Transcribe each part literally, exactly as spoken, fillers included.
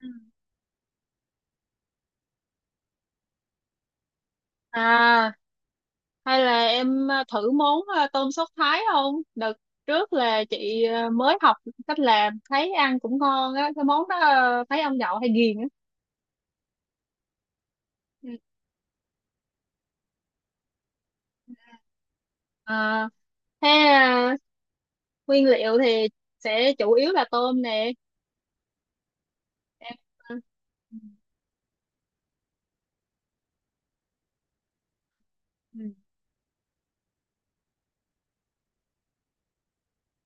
Ừ. À, hay là em à, thử món à, tôm sốt Thái không? Đợt trước là chị à, mới học cách làm, thấy ăn cũng ngon á, cái món đó à, thấy ông nhậu hay ghiền á. Ừ. À, thế à, nguyên liệu thì sẽ chủ yếu là tôm nè. Em à, ừ, ừ.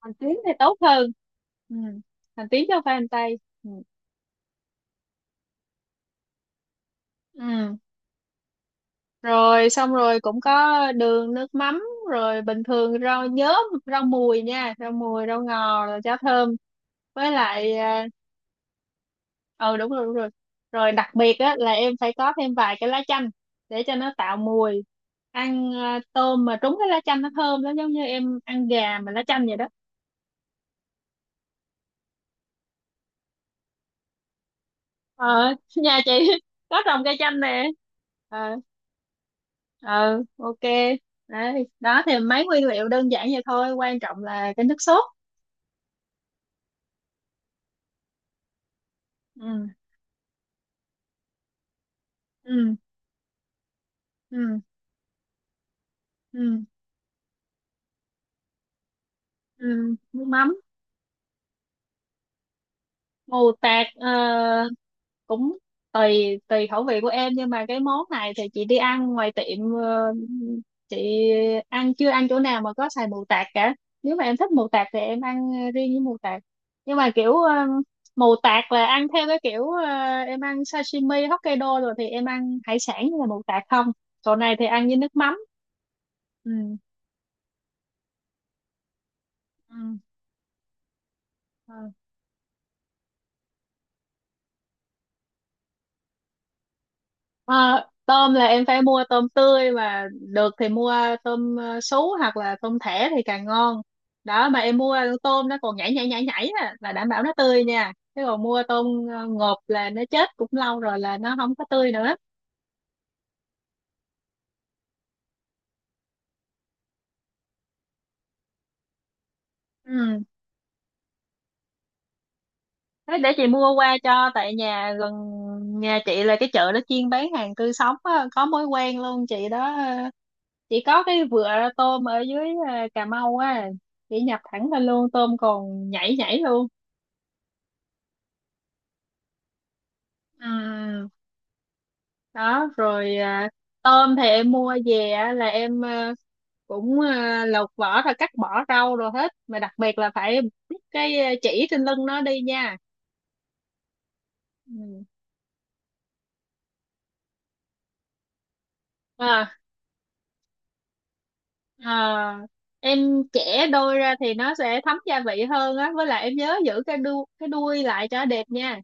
Hành tím thì tốt hơn. Ừ. Hành tím cho pha hành tây. Ừ. Ừ. Rồi xong rồi cũng có đường nước mắm rồi bình thường rau nhớm rau mùi nha rau mùi rau ngò rồi cháo thơm với lại à, ờ đúng rồi đúng rồi rồi đặc biệt á là em phải có thêm vài cái lá chanh để cho nó tạo mùi ăn à, tôm mà trúng cái lá chanh nó thơm lắm, giống như em ăn gà mà lá chanh vậy đó. ờ Nhà chị có trồng cây chanh nè. Ờ, ờ, ok. Đấy đó thì mấy nguyên liệu đơn giản vậy thôi, quan trọng là cái nước sốt. Ừ. Ừ. Ừ. Ừ. Ừ. Nước mắm mù tạt ờ, cũng tùy tùy khẩu vị của em, nhưng mà cái món này thì chị đi ăn ngoài tiệm, ờ, chị ăn chưa ăn chỗ nào mà có xài mù tạt cả. Nếu mà em thích mù tạt thì em ăn riêng với mù tạt, nhưng mà kiểu, ờ, mù tạt là ăn theo cái kiểu, ờ, em ăn sashimi Hokkaido rồi thì em ăn hải sản như là mù tạt không. Chỗ này thì ăn với nước mắm. Ừ. Ừ. Ừ. À, tôm là em phải mua tôm tươi, mà được thì mua tôm, ờ, sú hoặc là tôm thẻ thì càng ngon. Đó mà em mua tôm nó còn nhảy nhảy nhảy nhảy á, là đảm bảo nó tươi nha, chứ còn mua tôm ờ, ngộp là nó chết cũng lâu rồi, là nó không có tươi nữa. Ừ. Thế để chị mua qua cho, tại nhà gần nhà chị là cái chợ nó chuyên bán hàng tươi sống á, có mối quen luôn chị đó, ờ, chị có cái vựa tôm ở dưới, ờ, Cà Mau á, chị nhập thẳng lên luôn, tôm còn nhảy nhảy luôn. Ừ. Đó rồi. À, tôm thì em mua về á, là em, à, cũng à, lột vỏ rồi cắt bỏ rau rồi hết, mà đặc biệt là phải bứt cái, à, chỉ trên lưng nó đi nha. Ừ. à, à, em chẻ đôi ra thì nó sẽ thấm gia vị hơn á, với lại em nhớ giữ cái đuôi cái đuôi lại cho đẹp nha.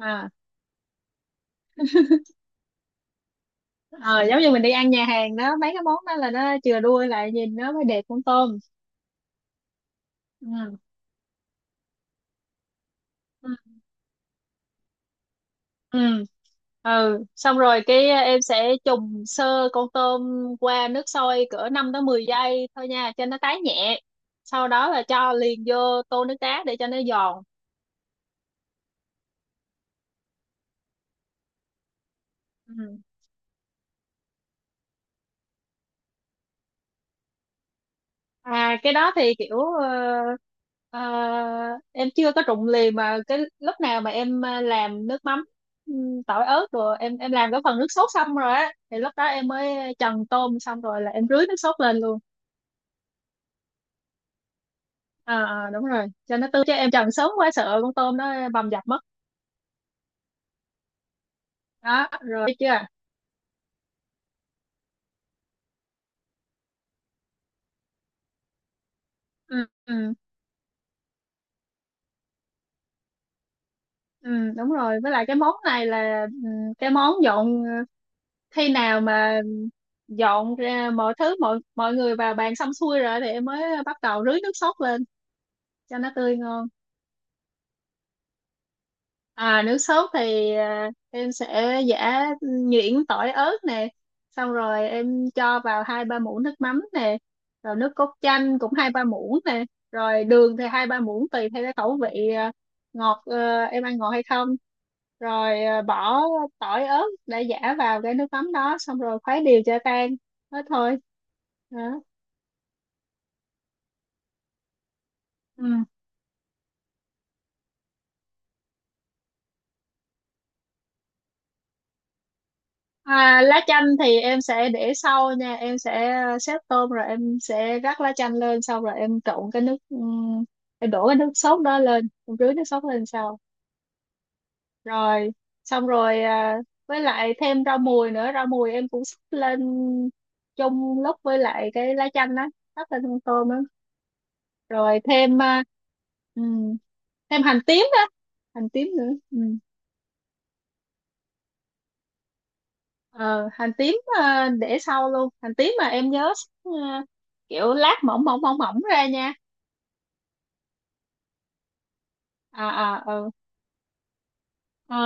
à, ờ, Giống như mình đi ăn nhà hàng đó, mấy cái món đó là nó chừa đuôi lại, nhìn nó mới đẹp con tôm. Ừ. Ừ. Ừ, xong rồi cái, ờ, em sẽ trùng sơ con tôm qua nước sôi cỡ năm tới mười giây thôi nha, cho nó tái nhẹ, sau đó là cho liền vô tô nước đá để cho nó giòn. Ừ. À cái đó thì kiểu, ờ, ờ, em chưa có trụng liền, mà cái lúc nào mà em ờ, làm nước mắm, ừ, tỏi ớt, rồi em em làm cái phần nước sốt xong rồi á, thì lúc đó em mới trần tôm, xong rồi là em rưới nước sốt lên luôn. À, à, đúng rồi, cho nó tươi, chứ em trần sớm quá sợ con tôm nó bầm dập mất. Đó rồi biết chưa. Ừ, ừ, ừ, đúng rồi. Với lại cái món này là, ừ, cái món dọn, ờ, khi nào mà dọn ra mọi thứ mọi mọi người vào bàn xong xuôi rồi thì em mới bắt đầu rưới nước sốt lên cho nó tươi ngon. À, nước sốt thì, à, em sẽ giã nhuyễn tỏi ớt nè, xong rồi em cho vào hai ba muỗng nước mắm nè, rồi nước cốt chanh cũng hai ba muỗng nè, rồi đường thì hai ba muỗng tùy theo cái khẩu vị, à, ngọt, à, em ăn ngọt hay không, rồi, à, bỏ tỏi ớt để giã vào cái nước mắm đó xong rồi khuấy đều cho tan thế thôi. Đó. Ừ. À, lá chanh thì em sẽ để sau nha, em sẽ, ờ, xếp tôm rồi em sẽ rắc lá chanh lên, xong rồi em trộn cái nước, ừm, em đổ cái nước sốt đó lên, em rưới nước sốt lên sau. Rồi xong rồi, à, với lại thêm rau mùi nữa, rau mùi em cũng xúc lên chung lúc với lại cái lá chanh đó, rắc lên con tôm đó. Rồi thêm à, ừm, thêm hành tím đó, hành tím nữa. Ừ. ờ Hành tím, ờ, để sau luôn. Hành tím mà em nhớ, ờ, kiểu lát mỏng mỏng mỏng mỏng ra nha. À à ừ. Ờ,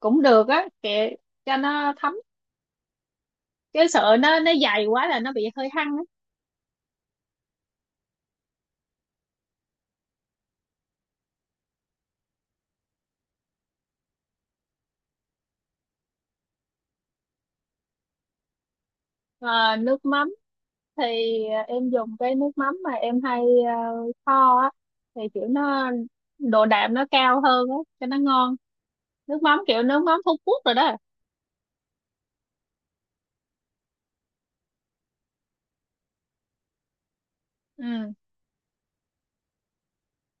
cũng được á, kệ cho nó thấm, chứ sợ nó nó dày quá là nó bị hơi hăng á. Ờ, nước mắm thì em dùng cái nước mắm mà em hay, ờ, kho á, thì kiểu nó độ đạm nó cao hơn á cho nó ngon, nước mắm kiểu nước mắm Phú Quốc rồi đó. Ừ.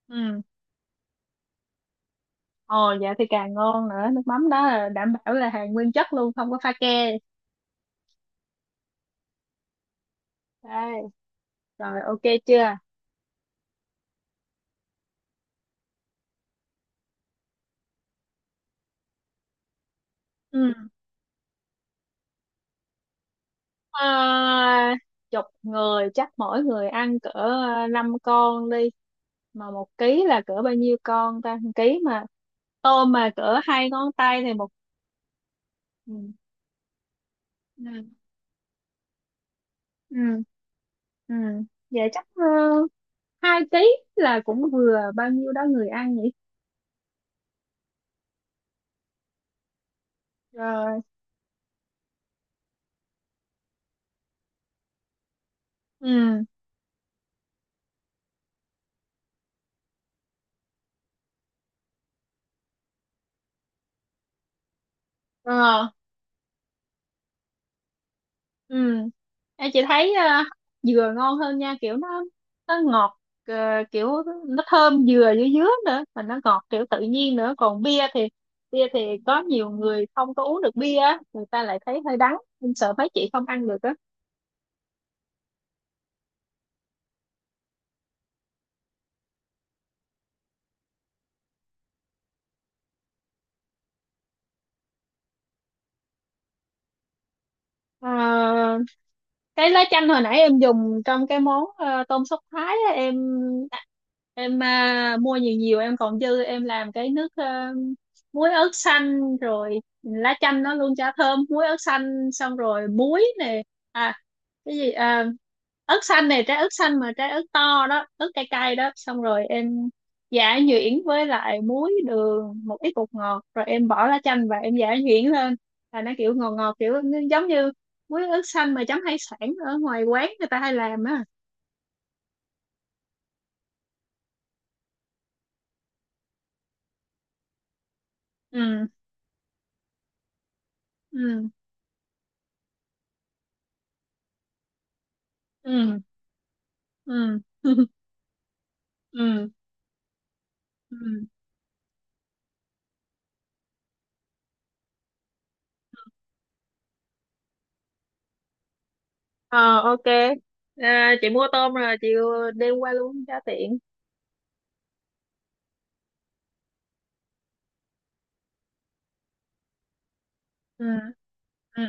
Ừ. Ồ, dạ thì càng ngon nữa, nước mắm đó là đảm bảo là hàng nguyên chất luôn, không có pha ke. Đây rồi, ok chưa. Ừ. à, Chục người chắc mỗi người ăn cỡ, ờ, năm con đi. Mà một ký là cỡ bao nhiêu con ta, một ký mà tôm mà cỡ hai ngón tay thì một. Ừ. Ừ. Ừ. Ừ. Vậy chắc, ờ, hai ký là cũng vừa bao nhiêu đó người ăn nhỉ. Rồi. Ừ. Ờ. Ừ. Em, chị thấy, ờ, dừa ngon hơn nha, kiểu nó nó ngọt, ờ, kiểu nó thơm dừa dưới dứa nữa mà nó ngọt kiểu tự nhiên nữa, còn bia thì bia thì có nhiều người không có uống được bia á, người ta lại thấy hơi đắng, em sợ mấy chị không ăn được á. Ờ, cái lá chanh hồi nãy em dùng trong cái món, ờ, tôm sốt Thái á, em, em à, mua nhiều nhiều em còn dư, em làm cái nước, ờ, muối ớt xanh, rồi lá chanh nó luôn chả thơm muối ớt xanh, xong rồi muối nè. à cái gì à, Ớt xanh này, trái ớt xanh mà trái ớt to đó, ớt cay cay đó, xong rồi em giả nhuyễn với lại muối đường một ít bột ngọt, rồi em bỏ lá chanh và em giả nhuyễn lên là nó kiểu ngọt ngọt, kiểu nó giống như muối ớt xanh mà chấm hải sản ở ngoài quán người ta hay làm á. Ừ. Ừ. Ừ. Ừ. Ừ. Ừ. Ờ, ok. À, chị mua tôm rồi chị đem qua luôn cho tiện. Ừ. Ừ.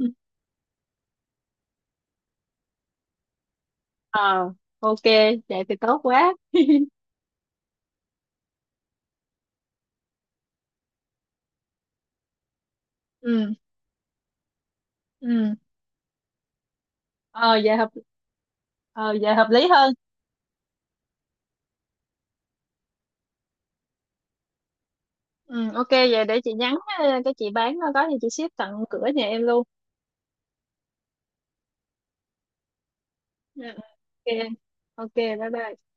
Ừ. Ờ, ok, vậy thì tốt quá. Ừ. Ừ. ờ vậy hợp ờ, vậy hợp lý hơn. Ừ, ok, vậy để chị nhắn, ờ, cái chị bán nó có thì chị ship tận cửa nhà em luôn. Ừ, ok ok bye bye